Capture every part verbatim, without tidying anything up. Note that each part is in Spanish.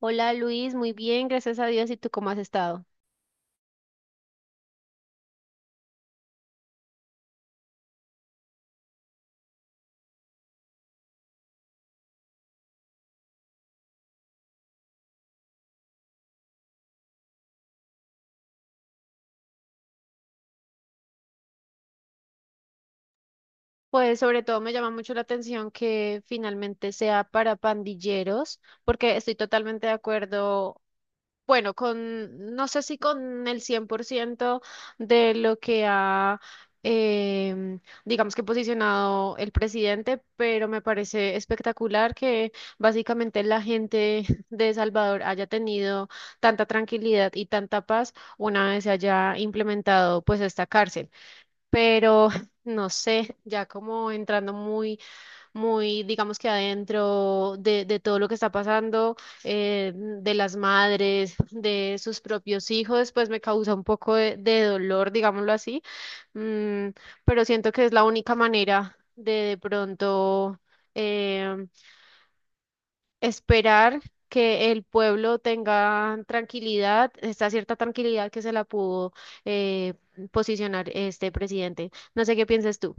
Hola Luis, muy bien, gracias a Dios. ¿Y tú cómo has estado? Pues sobre todo me llama mucho la atención que finalmente sea para pandilleros, porque estoy totalmente de acuerdo, bueno, con, no sé si con el cien por ciento de lo que ha, em, digamos que posicionado el presidente, pero me parece espectacular que básicamente la gente de Salvador haya tenido tanta tranquilidad y tanta paz una vez se haya implementado pues esta cárcel. Pero no sé, ya como entrando muy, muy, digamos que adentro de, de todo lo que está pasando, eh, de las madres, de sus propios hijos, pues me causa un poco de, de dolor, digámoslo así. Mm, pero siento que es la única manera de de pronto, em, esperar que el pueblo tenga tranquilidad, esta cierta tranquilidad que se la pudo, eh, posicionar este presidente. No sé qué piensas tú.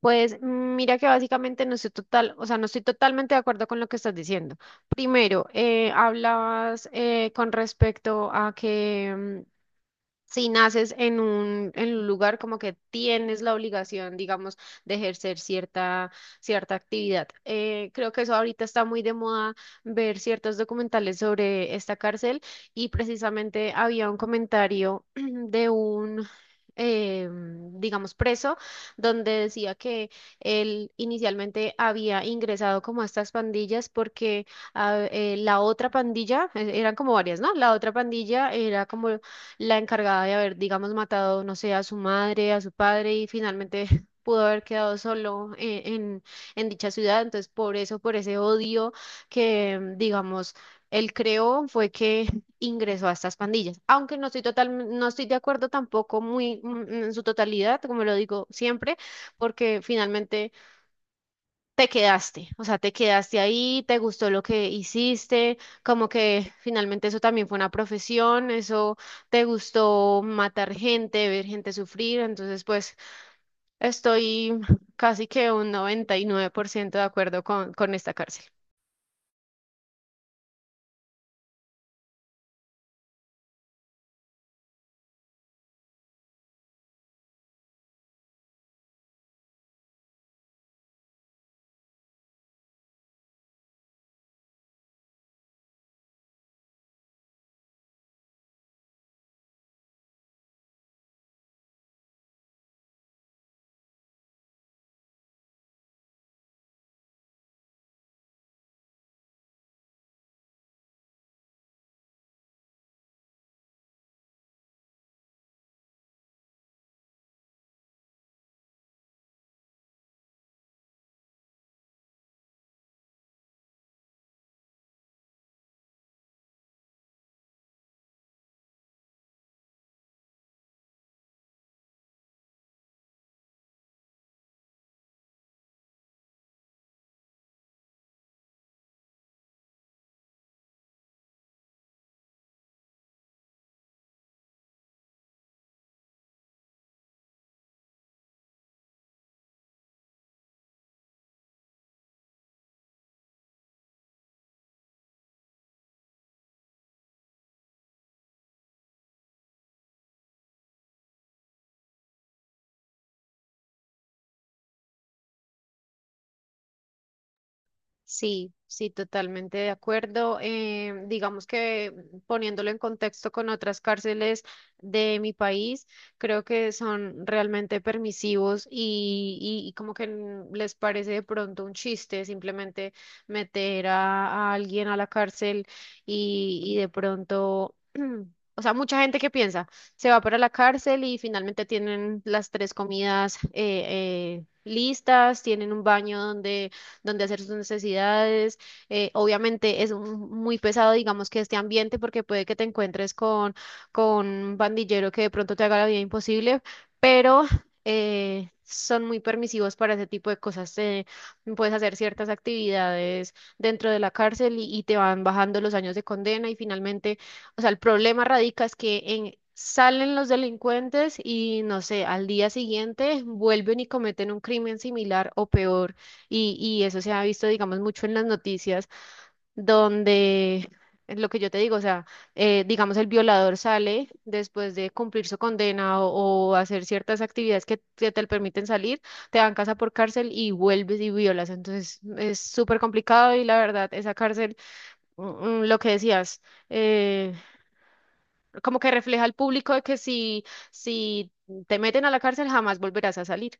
Pues mm, mira que básicamente no estoy total, o sea, no estoy totalmente de acuerdo con lo que estás diciendo. Primero, eh, hablabas eh, con respecto a que mm, si naces en un, en un lugar como que tienes la obligación, digamos, de ejercer cierta, cierta actividad. Eh, creo que eso ahorita está muy de moda ver ciertos documentales sobre esta cárcel y precisamente había un comentario de un... eh, digamos preso, donde decía que él inicialmente había ingresado como a estas pandillas porque ah, eh, la otra pandilla, eh, eran como varias, ¿no? La otra pandilla era como la encargada de haber, digamos, matado, no sé, a su madre, a su padre y finalmente pudo haber quedado solo en, en, en dicha ciudad. Entonces, por eso, por ese odio que, mm, digamos, él creó fue que ingresó a estas pandillas. Aunque no estoy total, no estoy de acuerdo tampoco muy mm, en su totalidad, como lo digo siempre, porque finalmente te quedaste, o sea, te quedaste ahí, te gustó lo que hiciste, como que finalmente eso también fue una profesión, eso te gustó matar gente, ver gente sufrir, entonces pues estoy casi que un noventa y nueve por ciento de acuerdo con, con esta cárcel. Sí, sí, totalmente de acuerdo. Eh, digamos que poniéndolo en contexto con otras cárceles de mi país, creo que son realmente permisivos y, y- y como que n- les parece de pronto un chiste simplemente meter a, a alguien a la cárcel y, y de pronto... O sea, mucha gente que piensa, se va para la cárcel y finalmente tienen las tres comidas eh, eh, listas, tienen un baño donde donde hacer sus necesidades. Eh, obviamente es un- muy pesado, digamos, que este ambiente, porque puede que te encuentres con, con un pandillero que de pronto te haga la vida imposible, pero eh, son muy permisivos para ese tipo de cosas. Te- puedes hacer ciertas actividades dentro de la cárcel y, y te van bajando los años de condena y finalmente, o sea, el problema radica es que en- salen los delincuentes y no sé, al día siguiente vuelven y cometen un crimen similar o peor. Y, y eso se ha visto, digamos, mucho en las noticias, donde es lo que yo te digo, o sea, eh, digamos, el violador sale después de cumplir su condena o, o hacer ciertas actividades que, que te permiten salir, te dan casa por cárcel y vuelves y violas. Entonces es súper complicado y la verdad, esa cárcel, mm, mm, lo que decías, eh, como que refleja al público de que si, si te meten a la cárcel jamás volverás a salir.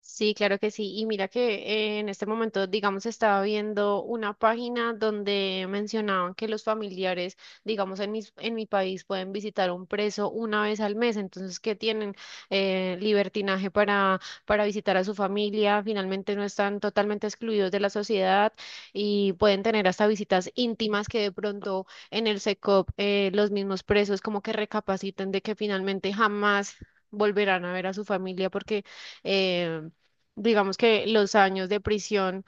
Sí, claro que sí. Y mira que eh, en este momento, digamos, estaba viendo una página donde mencionaban que los familiares, digamos, en mi, en mi país pueden visitar a un preso una vez al mes. Entonces, que tienen eh, libertinaje para, para visitar a su familia. Finalmente no están totalmente excluidos de la sociedad y pueden tener hasta visitas íntimas que de pronto en el S E C O P, eh, los mismos presos como que recapaciten de que finalmente jamás volverán a ver a su familia porque... em, digamos que los años de prisión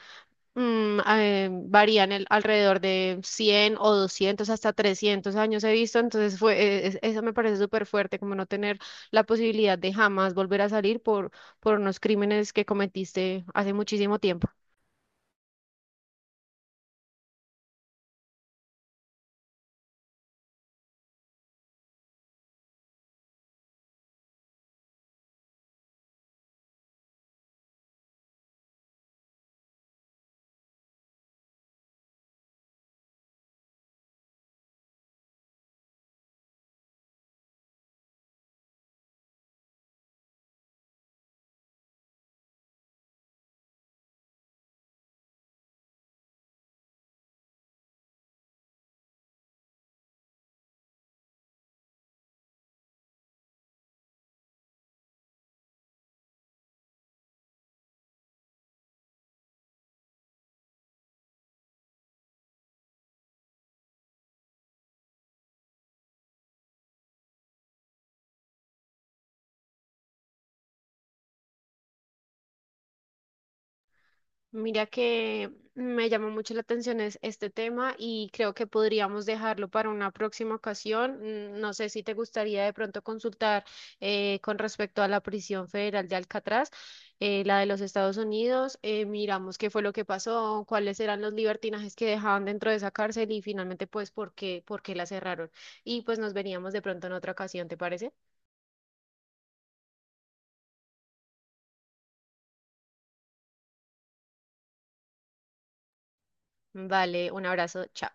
mm, eh, varían el- alrededor de cien o doscientos hasta trescientos años he visto, entonces fue, eh, es- eso me parece súper fuerte, como no tener la posibilidad de jamás volver a salir por, por unos crímenes que cometiste hace muchísimo tiempo. Mira que me llamó mucho la atención es- este tema y creo que podríamos dejarlo para una próxima ocasión. Mm, no sé si te gustaría de pronto consultar eh, con respecto a la prisión federal de Alcatraz, eh, la de los Estados Unidos. Eh, miramos qué fue lo que pasó, cuáles eran los libertinajes que dejaban dentro de esa cárcel y finalmente pues por qué, por qué la cerraron. Y pues nos veríamos de pronto en otra ocasión, ¿te parece? Vale, un abrazo, chao.